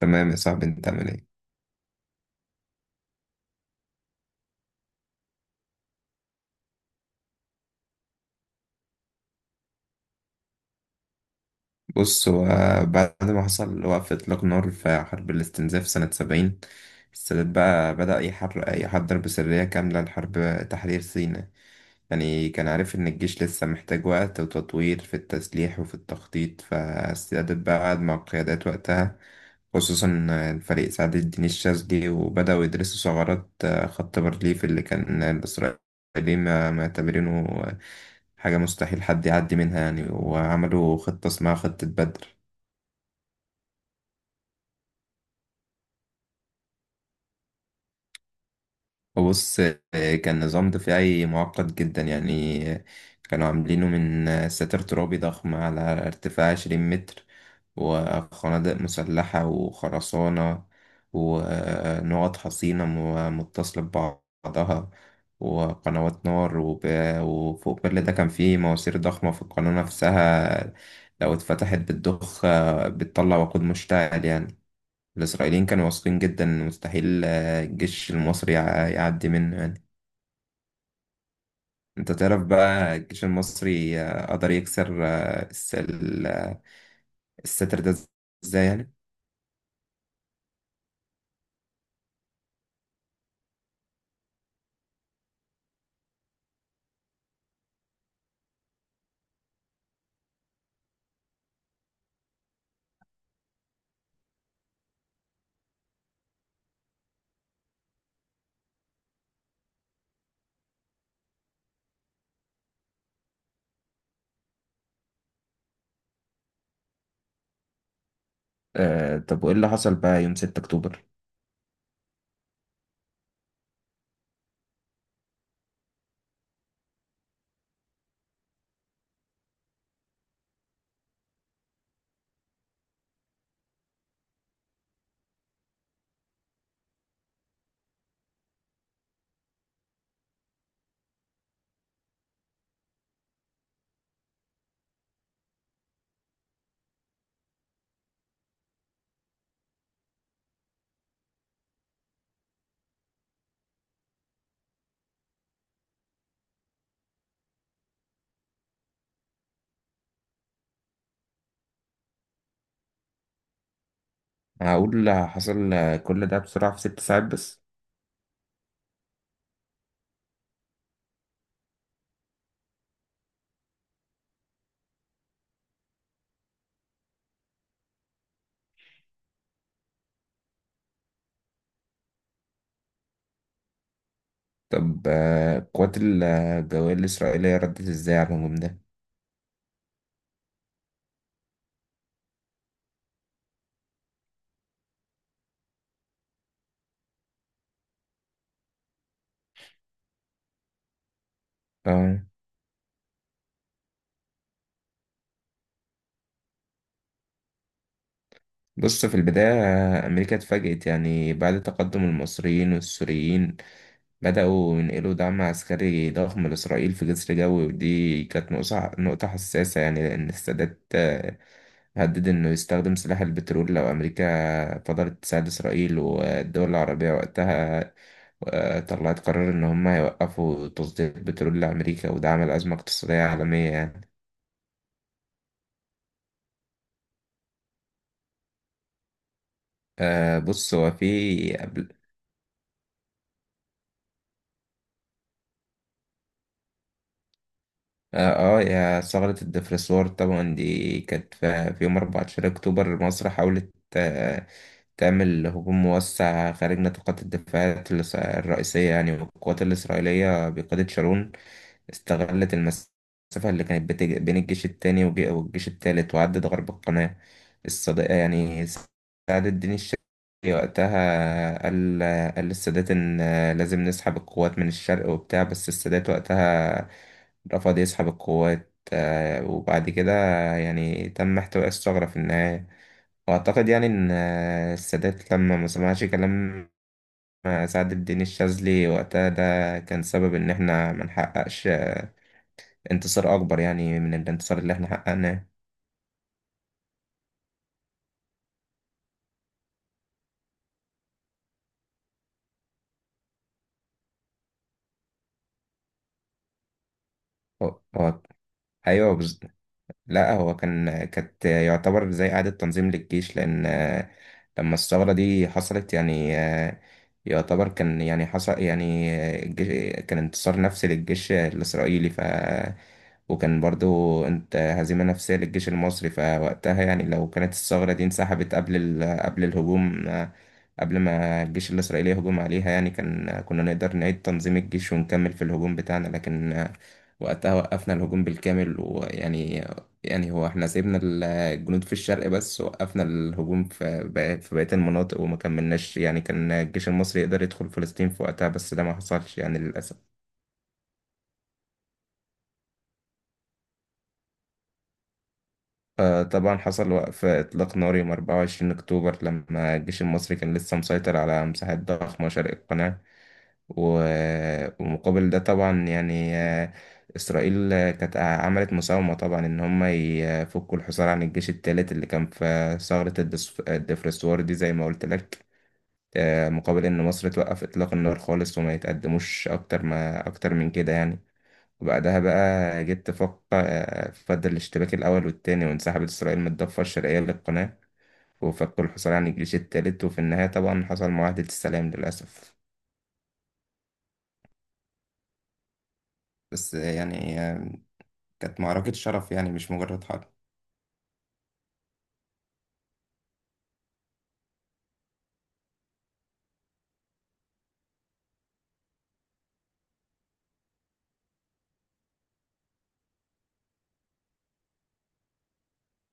تمام يا صاحبي، انت عامل ايه؟ بص، بعد ما حصل وقف اطلاق نار في حرب الاستنزاف سنة 70. السادات بقى بدأ يحضر بسرية كاملة لحرب تحرير سيناء. يعني كان عارف إن الجيش لسه محتاج وقت وتطوير في التسليح وفي التخطيط، فاستعدت بقى، قعد مع القيادات وقتها، خصوصا الفريق سعد الدين الشاذلي، وبدأوا يدرسوا ثغرات خط بارليف اللي كان الإسرائيليين معتبرينه حاجة مستحيل حد يعدي منها يعني. وعملوا خطة اسمها خطة بدر. بص، كان نظام دفاعي معقد جدا يعني. كانوا عاملينه من ساتر ترابي ضخم على ارتفاع 20 متر، وخنادق مسلحة وخرسانة، ونقط حصينة متصلة ببعضها، وقنوات نار، وفوق كل ده كان فيه مواسير ضخمة في القناة نفسها، لو اتفتحت بتضخ، بتطلع وقود مشتعل يعني. الإسرائيليين كانوا واثقين جدا إن مستحيل الجيش المصري يعدي منه يعني. أنت تعرف بقى الجيش المصري قدر يكسر الستر ده إزاي يعني؟ طب وإيه اللي حصل بقى يوم 6 أكتوبر؟ هقول حصل، كل ده بسرعة في 6 ساعات بس. طب قوات الجوية الإسرائيلية ردت إزاي على الهجوم ده؟ آه بص، في البداية أمريكا اتفاجئت، يعني بعد تقدم المصريين والسوريين بدأوا ينقلوا دعم عسكري ضخم لإسرائيل في جسر جوي. ودي كانت نقطة حساسة، يعني لأن السادات هدد إنه يستخدم سلاح البترول لو أمريكا فضلت تساعد إسرائيل. والدول العربية وقتها طلعت قرار إن هم هيوقفوا تصدير البترول لأمريكا، وده عمل أزمة اقتصادية عالمية يعني. آه، بص هو في اه آه، يا ثغرة الدفرسوار، طبعا دي كانت في يوم 14 أكتوبر. مصر حاولت تعمل هجوم موسع خارج نطاقات الدفاعات الرئيسية يعني. والقوات الإسرائيلية بقيادة شارون استغلت المسافة اللي كانت بين الجيش التاني والجيش التالت، وعدت غرب القناة. الصديقة يعني سعد الدين الشاذلي وقتها قال للسادات إن لازم نسحب القوات من الشرق وبتاع، بس السادات وقتها رفض يسحب القوات، وبعد كده يعني تم احتواء الثغرة في النهاية. وأعتقد يعني إن السادات لما ما سمعش كلام سعد الدين الشاذلي وقتها، ده كان سبب إن إحنا ما نحققش انتصار اكبر يعني من الانتصار اللي احنا حققناه. هو هو- ايوه بز- لا، هو كانت يعتبر زي إعادة تنظيم للجيش، لأن لما الثورة دي حصلت يعني، يعتبر كان يعني حصل، يعني الجيش كان انتصار نفسي للجيش الإسرائيلي، وكان برضو انت هزيمة نفسية للجيش المصري. فوقتها يعني لو كانت الثغرة دي انسحبت قبل قبل الهجوم، قبل ما الجيش الإسرائيلي يهجم عليها، يعني كنا نقدر نعيد تنظيم الجيش ونكمل في الهجوم بتاعنا. لكن وقتها وقفنا الهجوم بالكامل، ويعني يعني هو احنا سيبنا الجنود في الشرق، بس وقفنا الهجوم في بقية المناطق وما كملناش يعني. كان الجيش المصري يقدر يدخل فلسطين في وقتها، بس ده ما حصلش يعني للأسف. طبعا حصل وقف إطلاق نار يوم 24 أكتوبر، لما الجيش المصري كان لسه مسيطر على مساحات ضخمة شرق القناة. ومقابل ده طبعا يعني، إسرائيل كانت عملت مساومة طبعا إن هم يفكوا الحصار عن الجيش الثالث اللي كان في ثغرة الدفرسوار دي، زي ما قلت لك. مقابل إن مصر توقف إطلاق النار خالص وما يتقدموش أكتر ما أكتر من كده يعني. وبعدها بقى جيت تفق آه، فضل الاشتباك الأول والتاني، وانسحبت إسرائيل من الضفة الشرقية للقناة، وفكوا الحصار عن الجيش التالت، وفي النهاية طبعا حصل معاهدة السلام للأسف. بس يعني كانت معركة شرف، يعني مش مجرد حرب.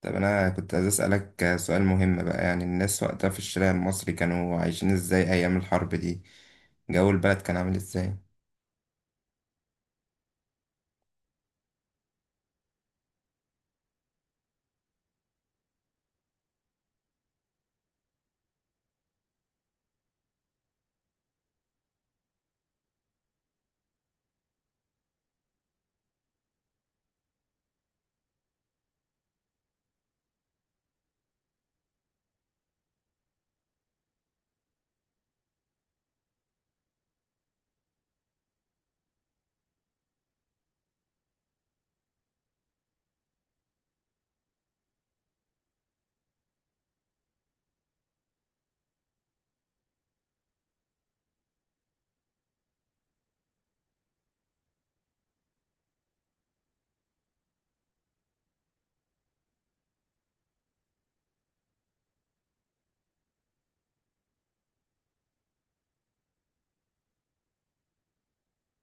طب أنا كنت عايز أسألك سؤال مهم بقى، يعني الناس وقتها في الشارع المصري كانوا عايشين إزاي أيام الحرب دي؟ جو البلد كان عامل إزاي؟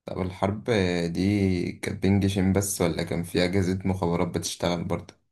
طب الحرب دي كانت بين جيشين بس، ولا كان في أجهزة مخابرات بتشتغل برضه؟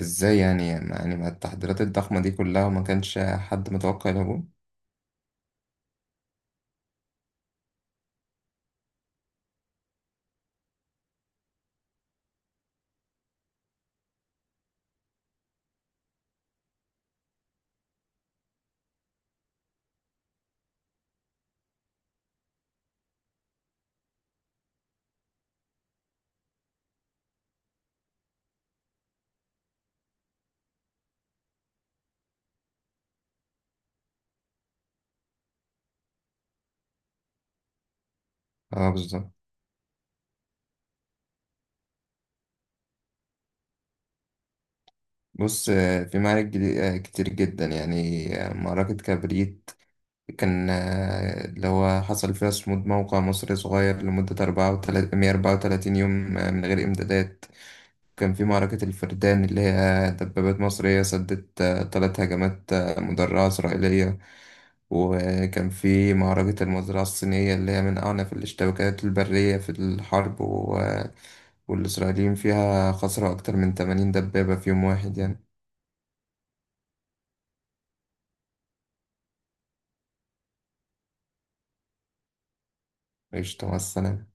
ازاي يعني مع التحضيرات الضخمة دي كلها ما كانش حد متوقع الهجوم؟ اه، بالظبط. بص، في معارك كتير جدا، يعني معركة كبريت كان، اللي هو حصل فيها صمود موقع مصري صغير لمدة أربعة وتلاتين 134 يوم، من غير إمدادات. كان في معركة الفردان اللي هي دبابات مصرية سدت، 3 هجمات مدرعة إسرائيلية. وكان في معركة المزرعة الصينية اللي هي من أعنف الاشتباكات البرية في الحرب، و... آه، والإسرائيليين فيها خسروا أكتر من 80 دبابة في يوم واحد يعني. قشطة، مع السلامة.